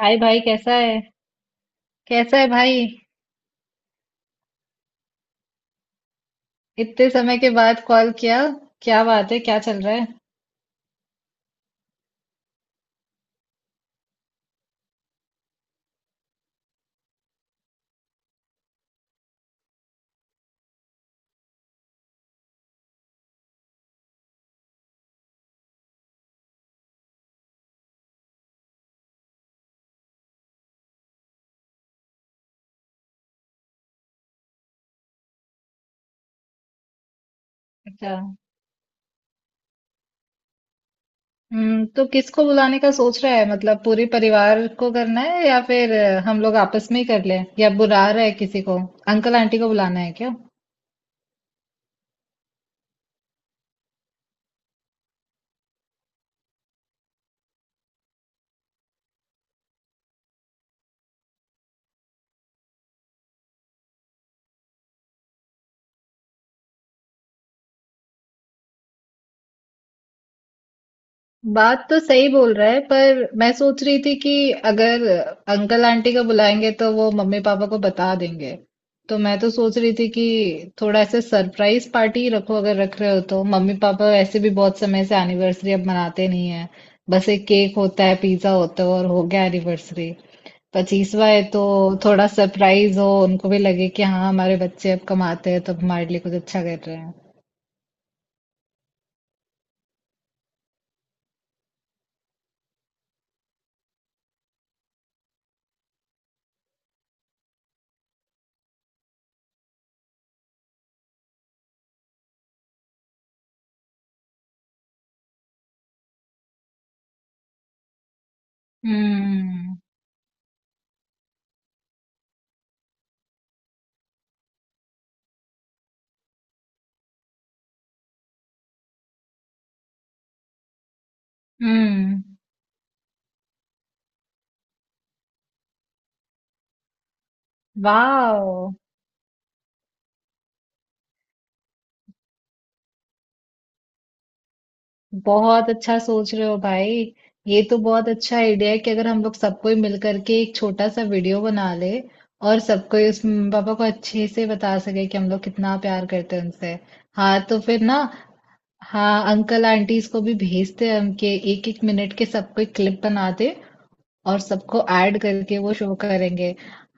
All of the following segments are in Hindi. हाय भाई, कैसा है। कैसा है भाई। इतने समय के बाद कॉल किया। क्या बात है? क्या चल रहा है? अच्छा। हम्म, तो किसको बुलाने का सोच रहा है? मतलब पूरे परिवार को करना है या फिर हम लोग आपस में ही कर लें, या बुला रहा है किसी को? अंकल आंटी को बुलाना है क्या? बात तो सही बोल रहा है, पर मैं सोच रही थी कि अगर अंकल आंटी को बुलाएंगे तो वो मम्मी पापा को बता देंगे। तो मैं तो सोच रही थी कि थोड़ा ऐसे सरप्राइज पार्टी रखो। अगर रख रहे हो तो मम्मी पापा वैसे भी बहुत समय से एनिवर्सरी अब मनाते नहीं है। बस एक केक होता है, पिज्जा होता है, और हो गया एनिवर्सरी। पच्चीसवा है तो थोड़ा सरप्राइज हो, उनको भी लगे कि हाँ, हमारे बच्चे अब कमाते हैं तो अब हमारे लिए कुछ अच्छा कर रहे हैं। हम्म। हम्म। वाह, बहुत अच्छा सोच रहे हो भाई। ये तो बहुत अच्छा आइडिया है कि अगर हम लोग सब कोई मिल करके एक छोटा सा वीडियो बना ले और सबको ही, उस मम्मी पापा को अच्छे से बता सके कि हम लोग कितना प्यार करते हैं उनसे। हाँ तो फिर ना। हाँ, अंकल आंटीज को भी भेजते हैं हम, के एक एक मिनट के सबको एक क्लिप बना दे और सबको ऐड करके वो शो करेंगे।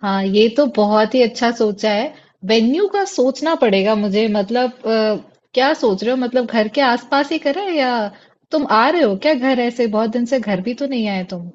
हाँ, ये तो बहुत ही अच्छा सोचा है। वेन्यू का सोचना पड़ेगा मुझे, मतलब क्या सोच रहे हो? मतलब घर के आसपास ही करें, या तुम आ रहे हो क्या घर? ऐसे बहुत दिन से घर भी तो नहीं आए तुम।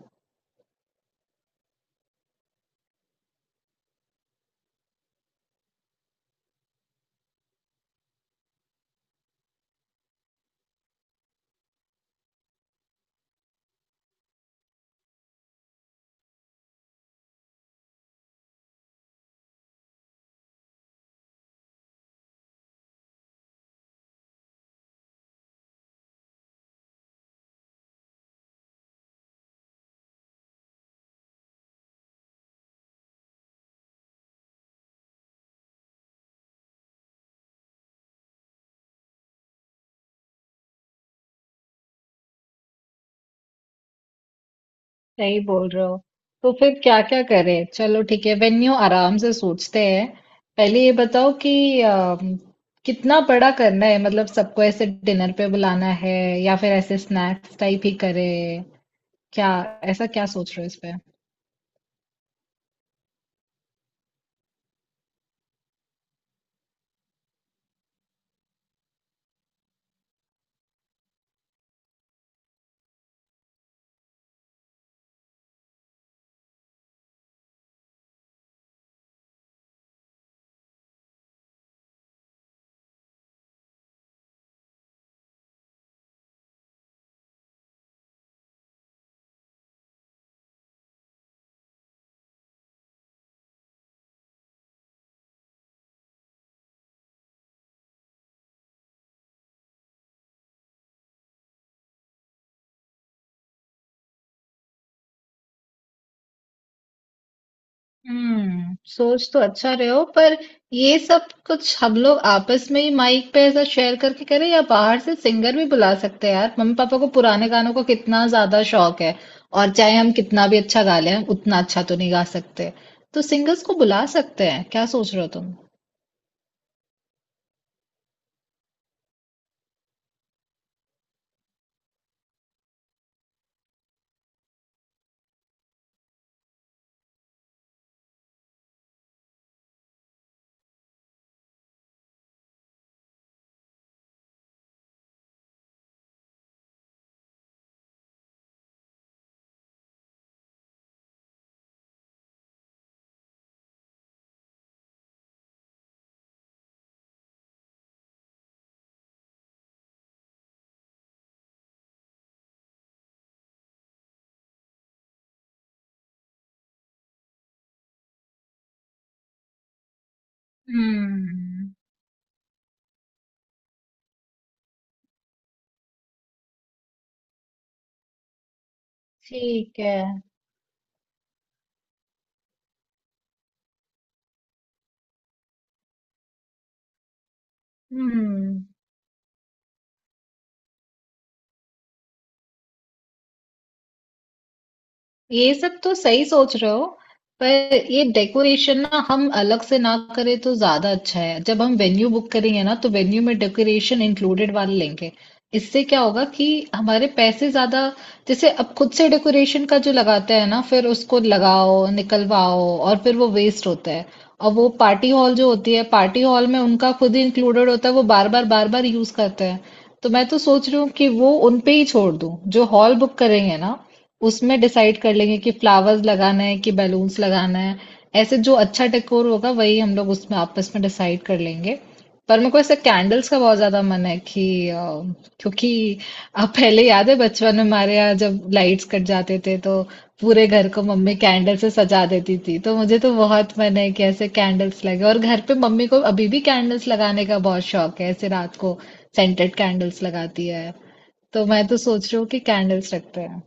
सही बोल रहे हो। तो फिर क्या क्या करें? चलो ठीक है, वेन्यू आराम से सोचते हैं। पहले ये बताओ कि कितना बड़ा करना है? मतलब सबको ऐसे डिनर पे बुलाना है या फिर ऐसे स्नैक्स टाइप ही करें क्या? ऐसा क्या सोच रहे हो इस पे? हम्म, सोच तो अच्छा रहे हो पर ये सब कुछ हम लोग आपस में ही माइक पे ऐसा शेयर करके करें, या बाहर से सिंगर भी बुला सकते हैं? यार, मम्मी पापा को पुराने गानों का कितना ज्यादा शौक है। और चाहे हम कितना भी अच्छा गा लें, उतना अच्छा तो नहीं गा सकते। तो सिंगर्स को बुला सकते हैं? क्या सोच रहे हो तुम? हम्म। ठीक है। हम्म। ये सब तो सही सोच रहे हो, पर ये डेकोरेशन ना हम अलग से ना करें तो ज्यादा अच्छा है। जब हम वेन्यू बुक करेंगे ना, तो वेन्यू में डेकोरेशन इंक्लूडेड वाले लेंगे। इससे क्या होगा कि हमारे पैसे ज्यादा, जैसे अब खुद से डेकोरेशन का जो लगाते हैं ना, फिर उसको लगाओ, निकलवाओ, और फिर वो वेस्ट होता है। और वो पार्टी हॉल जो होती है, पार्टी हॉल में उनका खुद ही इंक्लूडेड होता है, वो बार बार बार बार यूज करते हैं। तो मैं तो सोच रही हूँ कि वो उनपे ही छोड़ दूँ, जो हॉल बुक करेंगे ना उसमें डिसाइड कर लेंगे कि फ्लावर्स लगाना है कि बैलून्स लगाना है। ऐसे जो अच्छा डेकोर होगा वही हम लोग उसमें आपस में डिसाइड कर लेंगे। पर मेरे को ऐसे कैंडल्स का बहुत ज्यादा मन है कि क्योंकि, आप पहले, याद है बचपन में हमारे यहाँ जब लाइट्स कट जाते थे तो पूरे घर को मम्मी कैंडल से सजा देती थी। तो मुझे तो बहुत मन है कि ऐसे कैंडल्स लगे। और घर पे मम्मी को अभी भी कैंडल्स लगाने का बहुत शौक है, ऐसे रात को सेंटेड कैंडल्स लगाती है। तो मैं तो सोच रही हूँ कि कैंडल्स रखते हैं।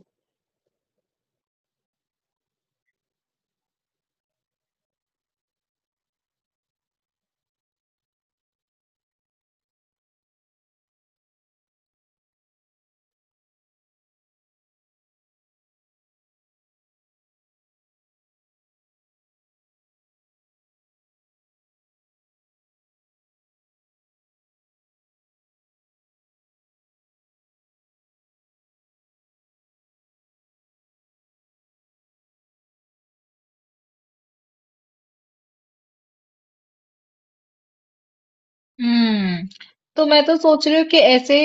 हम्म, तो मैं तो सोच रही हूँ कि ऐसे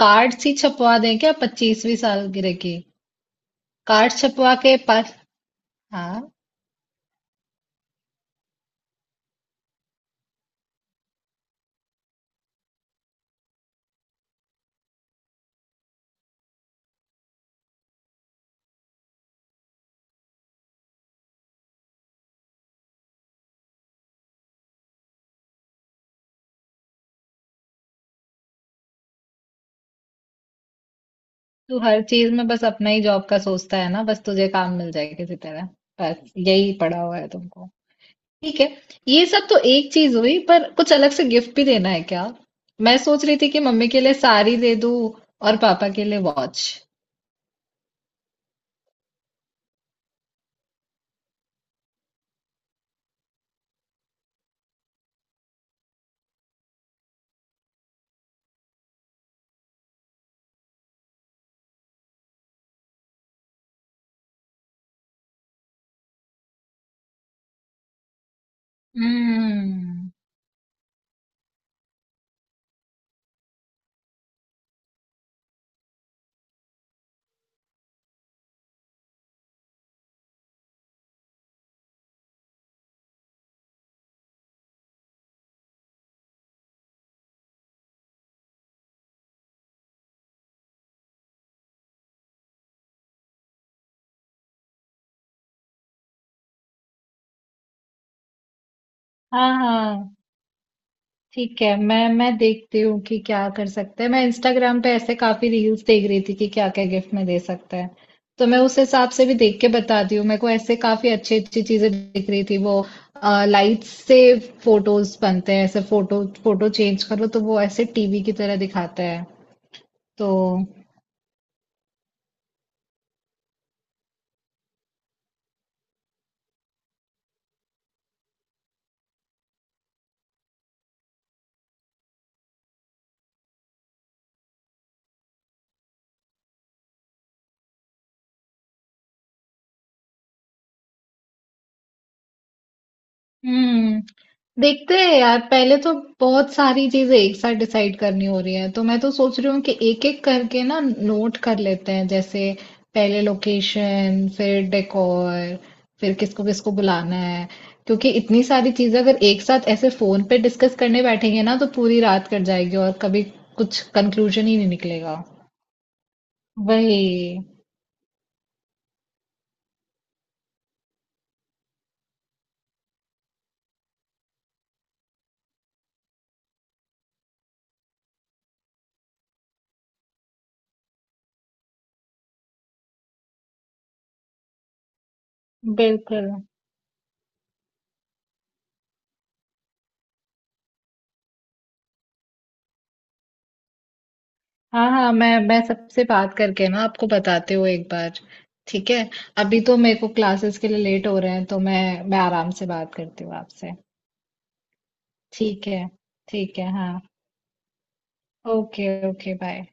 कार्ड्स ही छपवा दें क्या, पच्चीसवीं सालगिरह के? कार्ड छपवा के पास। हाँ। तू हर चीज में बस अपना ही जॉब का सोचता है ना, बस तुझे काम मिल जाए किसी तरह, बस यही पड़ा हुआ है तुमको। ठीक है, ये सब तो एक चीज हुई, पर कुछ अलग से गिफ्ट भी देना है क्या? मैं सोच रही थी कि मम्मी के लिए साड़ी दे दूँ और पापा के लिए वॉच। हम्म। हाँ हाँ, ठीक है, मैं देखती हूँ कि क्या कर सकते हैं। मैं इंस्टाग्राम पे ऐसे काफी रील्स देख रही थी कि क्या क्या गिफ्ट में दे सकते हैं। तो मैं उस हिसाब से भी देख के बताती हूँ। मेरे को ऐसे काफी अच्छी अच्छी चीजें दिख रही थी। वो लाइट्स से फोटोज बनते हैं, ऐसे फोटो फोटो चेंज करो तो वो ऐसे टीवी की तरह दिखाते हैं। तो हम्म, देखते हैं यार। पहले तो बहुत सारी चीजें एक साथ डिसाइड करनी हो रही है, तो मैं तो सोच रही हूँ कि एक एक करके ना नोट कर लेते हैं। जैसे पहले लोकेशन, फिर डेकोर, फिर किसको किसको बुलाना है। क्योंकि इतनी सारी चीजें अगर एक साथ ऐसे फोन पे डिस्कस करने बैठेंगे ना तो पूरी रात कट जाएगी और कभी कुछ कंक्लूजन ही नहीं निकलेगा। वही। बिल्कुल। हाँ हाँ, मैं सबसे बात करके ना आपको बताते हुए एक बार। ठीक है। अभी तो मेरे को क्लासेस के लिए लेट हो रहे हैं, तो मैं आराम से बात करती हूँ आपसे। ठीक है। ठीक है हाँ। Okay, okay bye.